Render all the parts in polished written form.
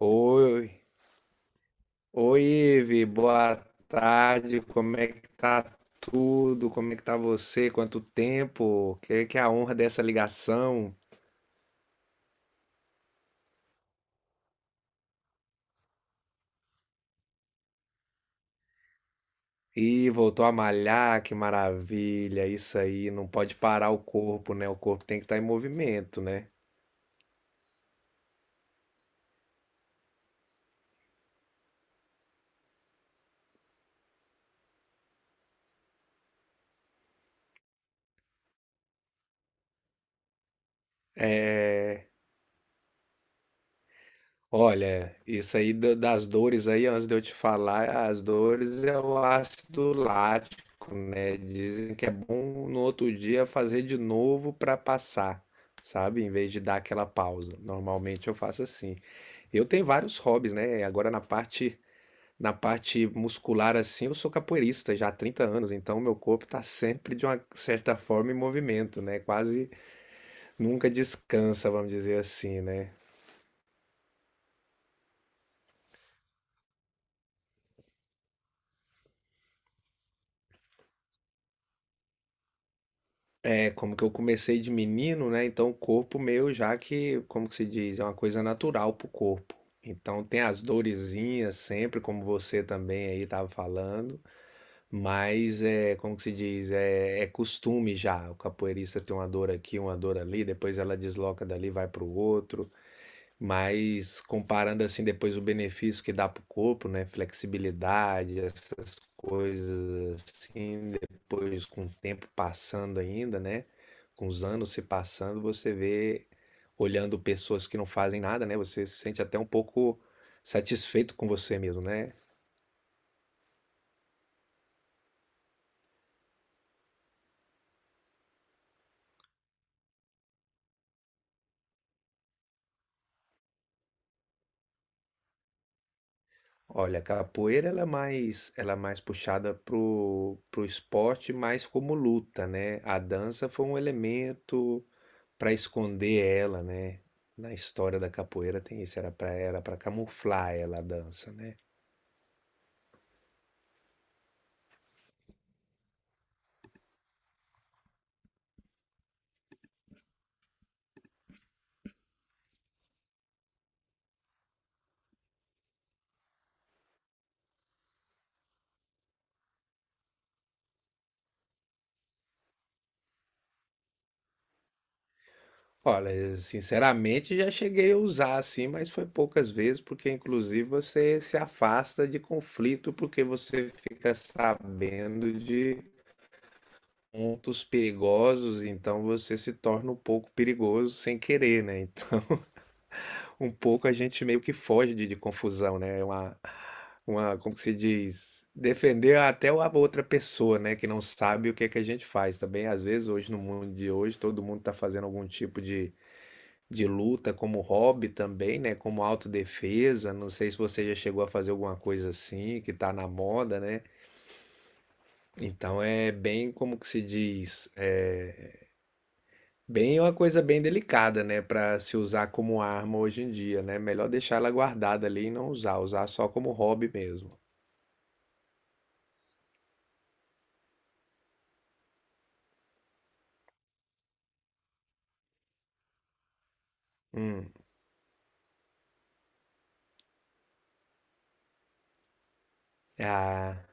Oi, oi, Ive, boa tarde. Como é que tá tudo? Como é que tá você? Quanto tempo? Que é a honra dessa ligação? Ih, voltou a malhar, que maravilha. Isso aí, não pode parar o corpo, né? O corpo tem que estar em movimento, né? É, Olha, isso aí das dores aí, antes de eu te falar, as dores é o ácido lático, né? Dizem que é bom no outro dia fazer de novo para passar, sabe? Em vez de dar aquela pausa. Normalmente eu faço assim. Eu tenho vários hobbies, né? Agora na parte muscular assim, eu sou capoeirista já há 30 anos, então meu corpo tá sempre de uma certa forma em movimento, né? Quase nunca descansa, vamos dizer assim, né? É, como que eu comecei de menino, né? Então o corpo meu já que, como que se diz, é uma coisa natural pro corpo. Então tem as dorezinhas sempre, como você também aí estava falando, mas é, como que se diz, é, é costume já. O capoeirista tem uma dor aqui, uma dor ali, depois ela desloca dali, vai pro outro. Mas comparando, assim, depois o benefício que dá pro corpo, né, flexibilidade, essas coisas assim, depois com o tempo passando ainda, né, com os anos se passando, você vê, olhando pessoas que não fazem nada, né, você se sente até um pouco satisfeito com você mesmo, né? Olha, a capoeira ela é mais puxada pro, pro esporte, mais como luta, né? A dança foi um elemento para esconder ela, né? Na história da capoeira tem isso, era para camuflar ela a dança, né? Olha, sinceramente já cheguei a usar assim, mas foi poucas vezes, porque inclusive você se afasta de conflito porque você fica sabendo de pontos perigosos, então você se torna um pouco perigoso sem querer, né? Então um pouco a gente meio que foge de confusão, né? É Uma, como que se diz? Defender até a outra pessoa, né? Que não sabe o que é que a gente faz também. Às vezes, hoje, no mundo de hoje, todo mundo está fazendo algum tipo de luta como hobby também, né? Como autodefesa. Não sei se você já chegou a fazer alguma coisa assim, que tá na moda, né? Então, é bem, como que se diz? Bem, é uma coisa bem delicada, né, para se usar como arma hoje em dia, né? Melhor deixar ela guardada ali e não usar, usar só como hobby mesmo. Hum. Ah,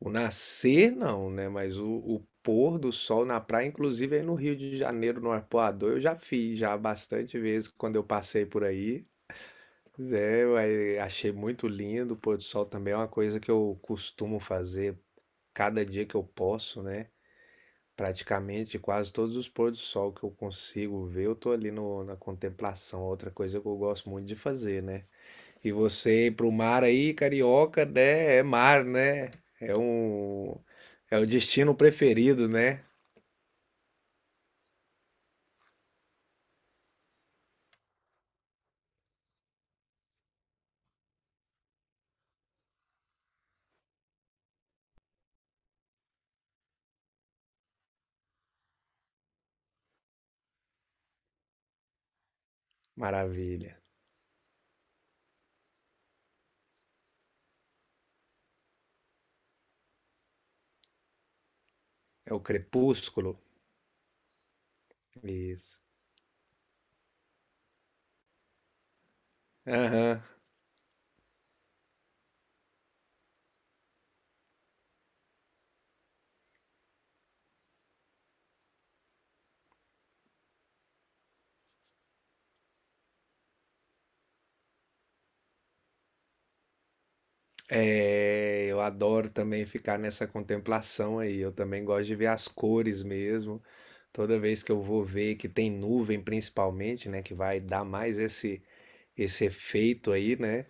o nascer não, né? Mas o pôr do sol na praia, inclusive aí no Rio de Janeiro, no Arpoador, eu já fiz já bastante vezes quando eu passei por aí. É, eu aí achei muito lindo. O pôr do sol também é uma coisa que eu costumo fazer cada dia que eu posso, né? Praticamente quase todos os pôr do sol que eu consigo ver, eu tô ali no, na contemplação. Outra coisa que eu gosto muito de fazer, né? E você ir pro mar aí, carioca, né? É mar, né? É um, é o destino preferido, né? Maravilha. É o crepúsculo. Isso. Aham. É, eu adoro também ficar nessa contemplação aí. Eu também gosto de ver as cores mesmo. Toda vez que eu vou ver que tem nuvem, principalmente, né, que vai dar mais esse efeito aí, né?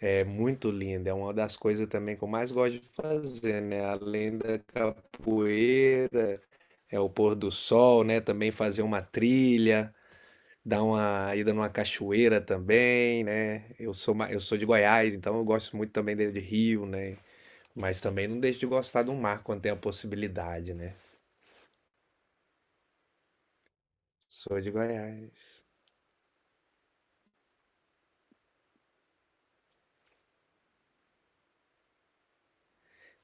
É muito lindo. É uma das coisas também que eu mais gosto de fazer, né? Além da capoeira, é o pôr do sol, né? Também fazer uma trilha, dar uma ida numa cachoeira também, né? Eu sou, eu sou de Goiás, então eu gosto muito também de rio, né? Mas também não deixo de gostar do mar quando tem a possibilidade, né? Sou de Goiás.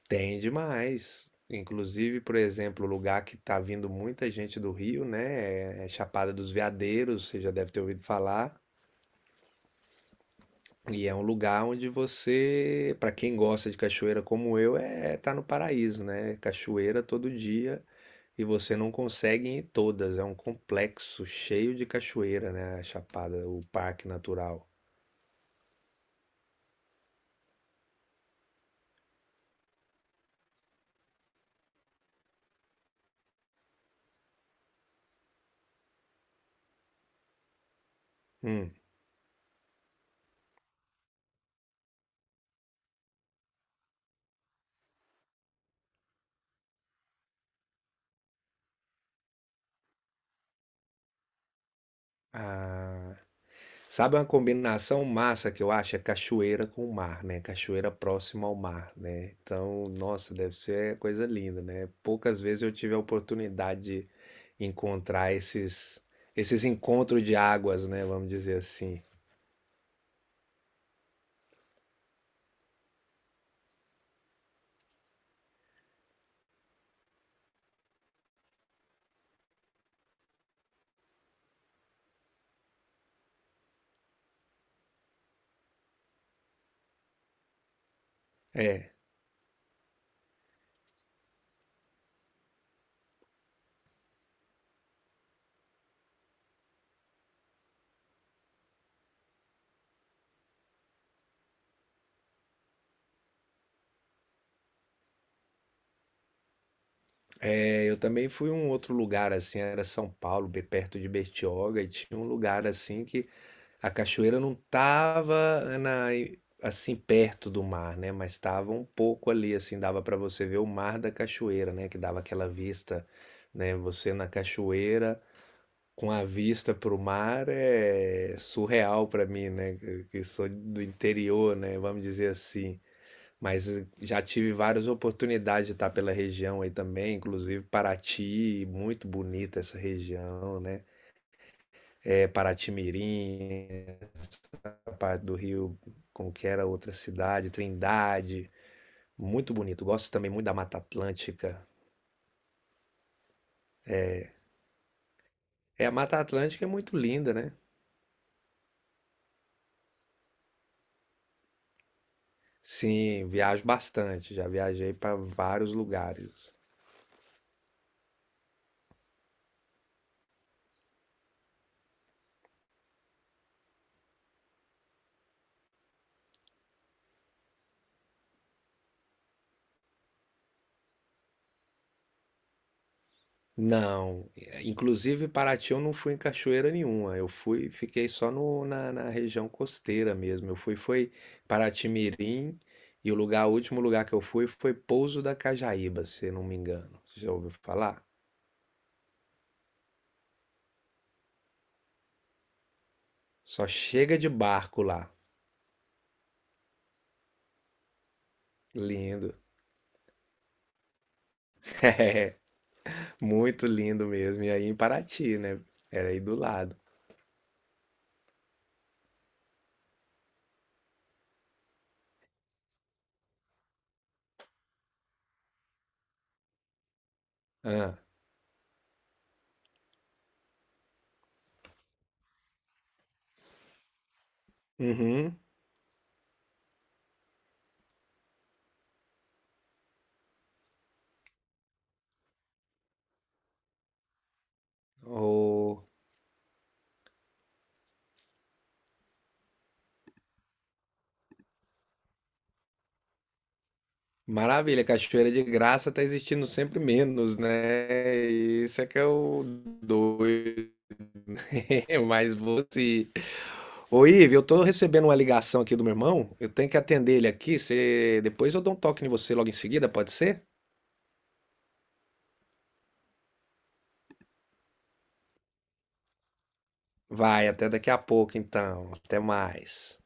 Tem demais. Inclusive, por exemplo, o lugar que tá vindo muita gente do Rio, né? É Chapada dos Veadeiros, você já deve ter ouvido falar. E é um lugar onde você, para quem gosta de cachoeira como eu, é tá no paraíso, né? Cachoeira todo dia e você não consegue ir em todas. É um complexo cheio de cachoeira, né? A Chapada, o Parque Natural. Hum. Ah, sabe uma combinação massa que eu acho? É cachoeira com o mar, né? Cachoeira próxima ao mar, né? Então, nossa, deve ser coisa linda, né? Poucas vezes eu tive a oportunidade de encontrar esses encontros de águas, né? Vamos dizer assim. É, eu também fui a um outro lugar assim, era São Paulo, bem perto de Bertioga, e tinha um lugar assim que a cachoeira não estava na assim, perto do mar, né, mas estava um pouco ali, assim, dava para você ver o mar da cachoeira, né, que dava aquela vista, né, você na cachoeira com a vista para o mar é surreal para mim, né, que sou do interior, né, vamos dizer assim. Mas já tive várias oportunidades de estar pela região aí também, inclusive Paraty, muito bonita essa região, né, é Paraty-Mirim, a parte do Rio, como que era a outra cidade, Trindade. Muito bonito. Gosto também muito da Mata Atlântica. É, a Mata Atlântica é muito linda, né? Sim, viajo bastante. Já viajei para vários lugares. Não, inclusive Paraty eu não fui em cachoeira nenhuma. Eu fui, fiquei só na, na região costeira mesmo. Eu fui, foi Paraty-Mirim e o lugar, o último lugar que eu fui foi Pouso da Cajaíba, se não me engano. Você já ouviu falar? Só chega de barco lá. Lindo. É, muito lindo mesmo. E aí em Paraty, né? Era aí do lado. Ah, uhum. Ô, maravilha, Cachoeira de Graça tá existindo sempre menos, né? Isso é que é o doido. Mas você. Ô, Ive, eu tô recebendo uma ligação aqui do meu irmão. Eu tenho que atender ele aqui. Você... Depois eu dou um toque em você logo em seguida, pode ser? Vai, até daqui a pouco então. Até mais.